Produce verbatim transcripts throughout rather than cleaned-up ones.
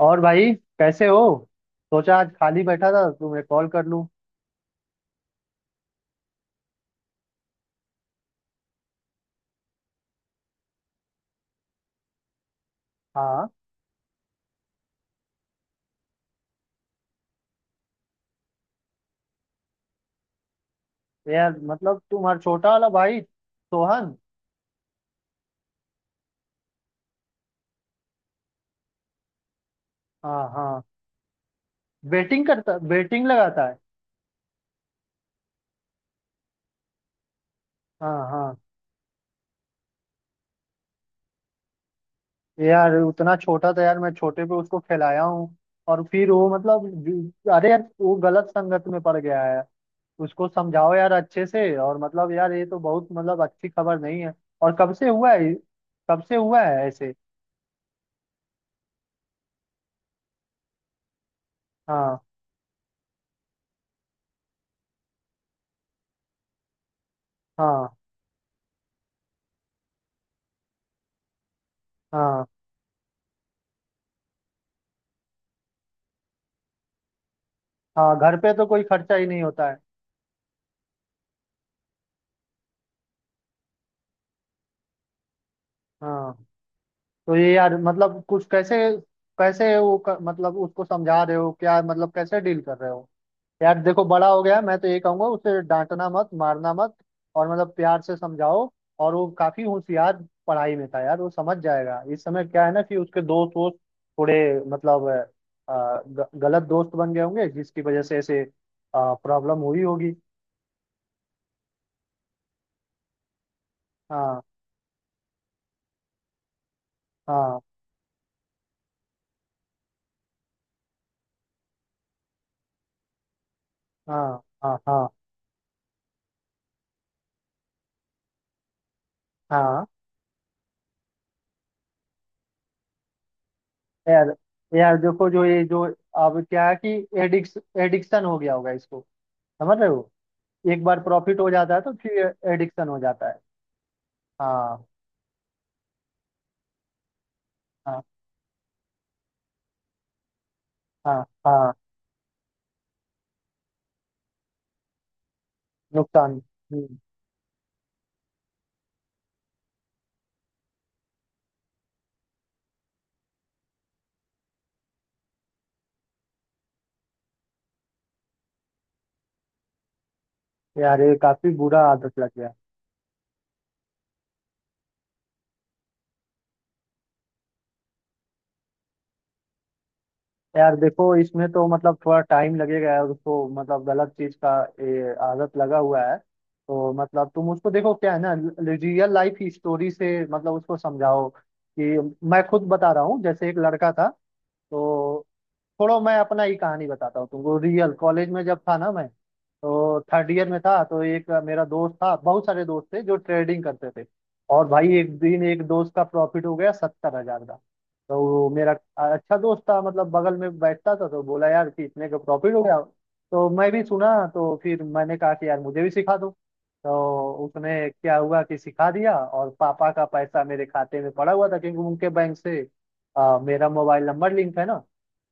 और भाई कैसे हो। सोचा आज खाली बैठा था तुम्हें कॉल कर लूं। हाँ। यार मतलब तुम्हारा छोटा वाला भाई सोहन। हाँ हाँ। बेटिंग करता बेटिंग लगाता है। हाँ हाँ। यार उतना छोटा था यार मैं छोटे पे उसको खिलाया हूँ। और फिर वो मतलब अरे यार वो गलत संगत में पड़ गया है। उसको समझाओ यार अच्छे से। और मतलब यार ये तो बहुत मतलब अच्छी खबर नहीं है। और कब से हुआ है। कब से हुआ है ऐसे। हाँ हाँ। हाँ हाँ। घर पे तो कोई खर्चा ही नहीं होता है। हाँ। तो ये यार मतलब कुछ कैसे कैसे वो क- मतलब उसको समझा रहे हो क्या। मतलब कैसे डील कर रहे हो। यार देखो बड़ा हो गया। मैं तो ये कहूंगा उसे डांटना मत मारना मत। और मतलब प्यार से समझाओ। और वो काफी होशियार पढ़ाई में था यार। वो समझ जाएगा। इस समय क्या है ना कि उसके दोस्त वोस्त थोड़े मतलब अ, ग- गलत दोस्त बन गए होंगे जिसकी वजह से ऐसे प्रॉब्लम हुई होगी। हाँ हाँ। हाँ हाँ। हाँ हाँ। यार। यार देखो जो ये जो अब क्या है कि एडिक्स एडिक्शन हो गया होगा इसको। समझ रहे हो। एक बार प्रॉफिट हो जाता है तो फिर एडिक्शन हो जाता है। हाँ हाँ। हाँ हाँ। नुकसान। हम्म। यार ये काफी बुरा आदत लग गया। यार देखो इसमें तो मतलब थोड़ा टाइम लगेगा यार उसको मतलब गलत चीज का ये आदत लगा हुआ है। तो मतलब तुम उसको देखो क्या है ना। रियल लाइफ स्टोरी से मतलब उसको समझाओ कि मैं खुद बता रहा हूँ जैसे एक लड़का था। तो छोड़ो मैं अपना ही कहानी बताता हूँ तुमको रियल। कॉलेज में जब था ना मैं तो थर्ड ईयर में था। तो एक मेरा दोस्त था बहुत सारे दोस्त थे जो ट्रेडिंग करते थे। और भाई एक दिन एक दोस्त का प्रॉफिट हो गया सत्तर हजार का। तो वो मेरा अच्छा दोस्त था मतलब बगल में बैठता था। तो बोला यार कि इतने का प्रॉफिट हो गया। तो मैं भी सुना तो फिर मैंने कहा कि यार मुझे भी सिखा दो। तो उसने क्या हुआ कि सिखा दिया। और पापा का पैसा मेरे खाते में पड़ा हुआ था क्योंकि उनके बैंक से आ, मेरा मोबाइल नंबर लिंक है ना।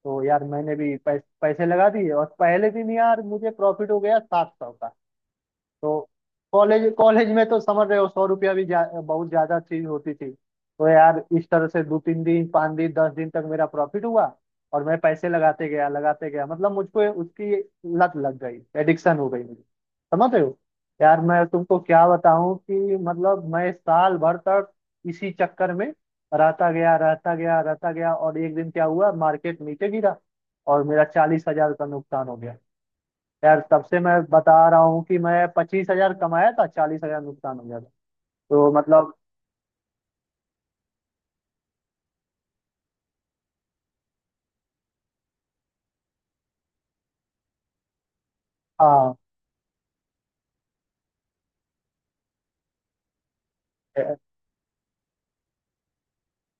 तो यार मैंने भी पैस, पैसे लगा दिए और पहले दिन यार मुझे प्रॉफिट हो गया सात सौ का। तो कॉलेज कॉलेज में तो समझ रहे हो सौ रुपया भी जा, बहुत ज्यादा चीज होती थी। तो यार इस तरह से दो तीन दिन पाँच दिन दस दिन तक मेरा प्रॉफिट हुआ। और मैं पैसे लगाते गया लगाते गया मतलब मुझको उसकी लत लग गई एडिक्शन हो गई मुझे। समझ रहे हो। यार मैं तुमको क्या बताऊं कि मतलब मैं साल भर तक इसी चक्कर में रहता गया रहता गया रहता गया। और एक दिन क्या हुआ मार्केट नीचे गिरा और मेरा चालीस हजार का नुकसान हो गया। यार तब से मैं बता रहा हूँ कि मैं पच्चीस हजार कमाया था चालीस हजार नुकसान हो गया था। तो मतलब। हाँ। या-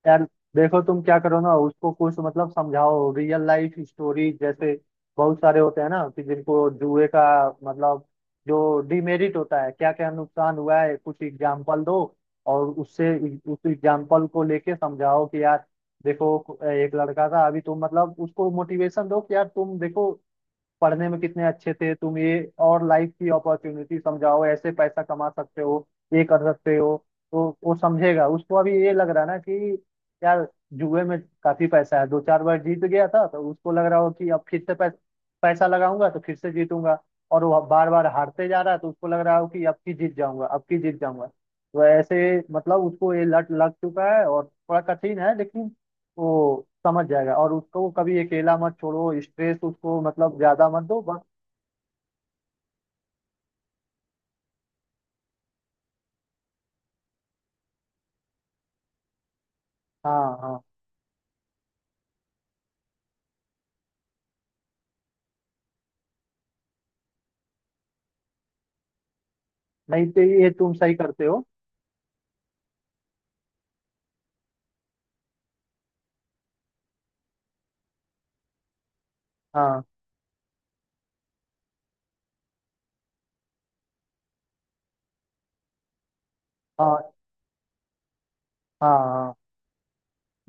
यार देखो तुम क्या करो ना। उसको कुछ मतलब समझाओ रियल लाइफ स्टोरी जैसे बहुत सारे होते हैं ना कि जिनको जुए का मतलब जो डिमेरिट होता है। क्या क्या नुकसान हुआ है कुछ एग्जाम्पल दो। और उससे उस एग्जाम्पल को लेके समझाओ कि यार देखो एक लड़का था। अभी तुम मतलब उसको मोटिवेशन दो कि यार तुम देखो पढ़ने में कितने अच्छे थे तुम ये। और लाइफ की अपॉर्चुनिटी समझाओ ऐसे पैसा कमा सकते हो ये कर सकते हो। तो वो समझेगा। उसको अभी ये लग रहा है ना कि यार जुए में काफी पैसा है दो चार बार जीत गया था तो उसको लग रहा हो कि अब फिर से पैसा पैसा लगाऊंगा तो फिर से जीतूंगा। और वो बार बार हारते जा रहा है तो उसको लग रहा हो कि अब की जीत जाऊंगा अब की जीत जाऊंगा। तो ऐसे मतलब उसको ये लत लग चुका है और थोड़ा कठिन है लेकिन वो समझ जाएगा। और उसको कभी अकेला मत छोड़ो स्ट्रेस उसको मतलब ज्यादा मत दो बस। हाँ हाँ। नहीं तो ये तुम सही करते हो। हाँ हाँ। हाँ हाँ।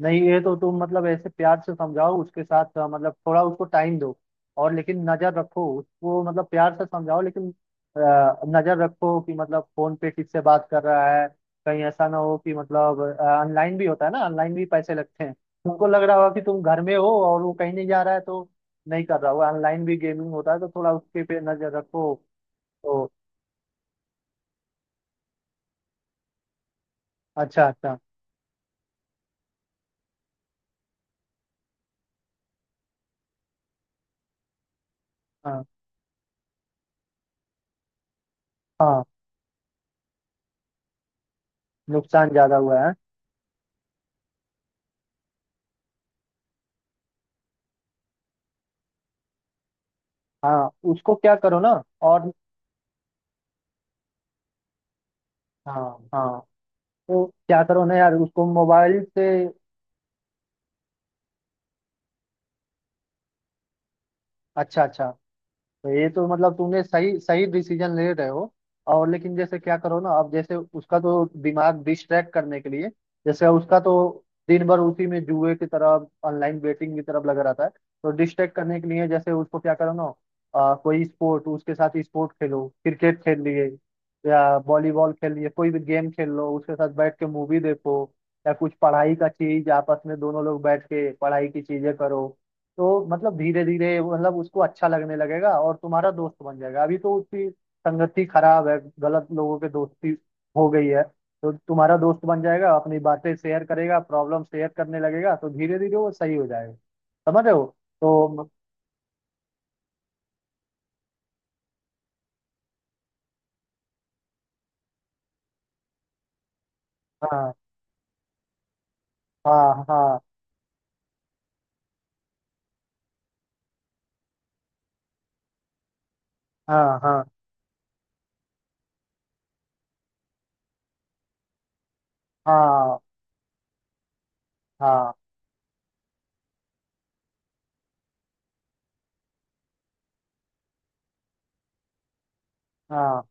नहीं ये तो तुम मतलब ऐसे प्यार से समझाओ उसके साथ अ, मतलब थोड़ा उसको टाइम दो। और लेकिन नजर रखो उसको मतलब प्यार से समझाओ लेकिन अ, नजर रखो कि मतलब फोन पे किससे बात कर रहा है। कहीं ऐसा ना हो कि मतलब ऑनलाइन भी होता है ना ऑनलाइन भी पैसे लगते हैं। तुमको लग रहा होगा कि तुम घर में हो और वो कहीं नहीं जा रहा है तो नहीं कर रहा होगा। ऑनलाइन भी गेमिंग होता है तो थोड़ा उसके पे नजर रखो। तो अच्छा अच्छा। हाँ हाँ। नुकसान ज्यादा हुआ है। हाँ उसको क्या करो ना। और हाँ हाँ। तो क्या करो ना यार उसको मोबाइल से। अच्छा अच्छा। तो ये तो मतलब तुमने सही सही डिसीजन ले रहे हो। और लेकिन जैसे क्या करो ना अब जैसे उसका तो दिमाग डिस्ट्रैक्ट करने के लिए जैसे उसका तो दिन भर उसी में जुए की तरफ ऑनलाइन बेटिंग की तरफ लगा रहता है। तो डिस्ट्रैक्ट करने के लिए जैसे उसको क्या करो ना आ, कोई स्पोर्ट उसके साथ स्पोर्ट खेलो क्रिकेट खेल लिए या वॉलीबॉल खेल लिए कोई भी गेम खेल लो। उसके साथ बैठ के मूवी देखो या कुछ पढ़ाई का चीज आपस में दोनों लोग बैठ के पढ़ाई की चीजें करो। तो मतलब धीरे धीरे मतलब उसको अच्छा लगने लगेगा और तुम्हारा दोस्त बन जाएगा। अभी तो उसकी संगति खराब है गलत लोगों के दोस्ती हो गई है। तो तुम्हारा दोस्त बन जाएगा अपनी बातें शेयर करेगा प्रॉब्लम शेयर करने लगेगा तो धीरे धीरे वो सही हो जाएगा। समझ रहे हो। तो हाँ हाँ हाँ हाँ हाँ हाँ हाँ हाँ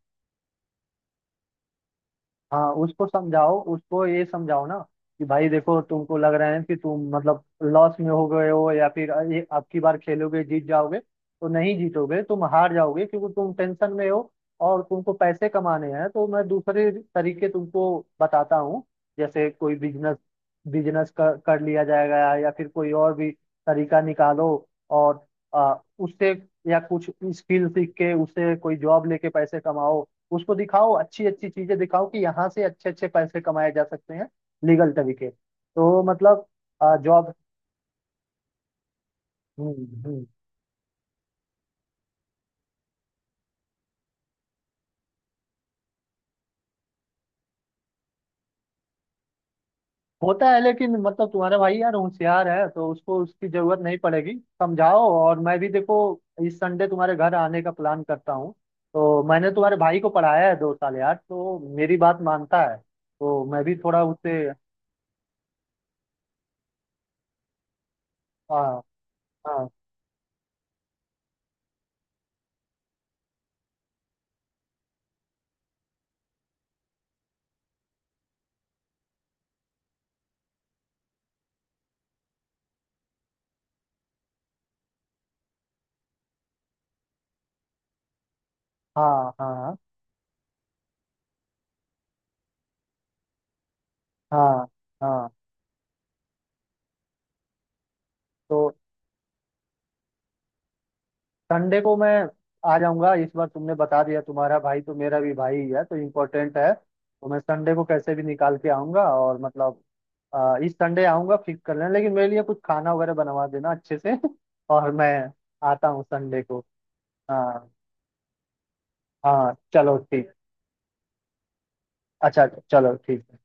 हाँ। उसको समझाओ उसको ये समझाओ ना कि भाई देखो तुमको लग रहा है कि तुम मतलब लॉस में हो गए हो या फिर ये अब की बार खेलोगे जीत जाओगे तो नहीं जीतोगे तुम हार जाओगे क्योंकि तुम टेंशन में हो। और तुमको पैसे कमाने हैं तो मैं दूसरे तरीके तुमको बताता हूँ। जैसे कोई बिजनेस बिजनेस कर, कर लिया जाएगा या फिर कोई और भी तरीका निकालो। और आ, उससे या कुछ स्किल सीख के उससे कोई जॉब लेके पैसे कमाओ। उसको दिखाओ अच्छी अच्छी चीजें दिखाओ कि यहाँ से अच्छे अच्छे पैसे कमाए जा सकते हैं लीगल तरीके। तो मतलब जॉब। हम्म हम्म होता है लेकिन मतलब तुम्हारा भाई यार होशियार है तो उसको उसकी जरूरत नहीं पड़ेगी। समझाओ और मैं भी देखो इस संडे तुम्हारे घर आने का प्लान करता हूँ। तो मैंने तुम्हारे भाई को पढ़ाया है दो साल यार तो मेरी बात मानता है। तो मैं भी थोड़ा उससे। हाँ हाँ। हाँ हाँ। हाँ हाँ। तो संडे को मैं आ जाऊंगा। इस बार तुमने बता दिया तुम्हारा भाई तो मेरा भी भाई ही है तो इम्पोर्टेंट है। तो मैं संडे को कैसे भी निकाल के आऊंगा और मतलब अ, इस संडे आऊंगा फिक्स कर लेना लेकिन मेरे लिए कुछ खाना वगैरह बनवा देना अच्छे से। और मैं आता हूँ संडे को। हाँ। हाँ चलो ठीक। अच्छा चलो ठीक।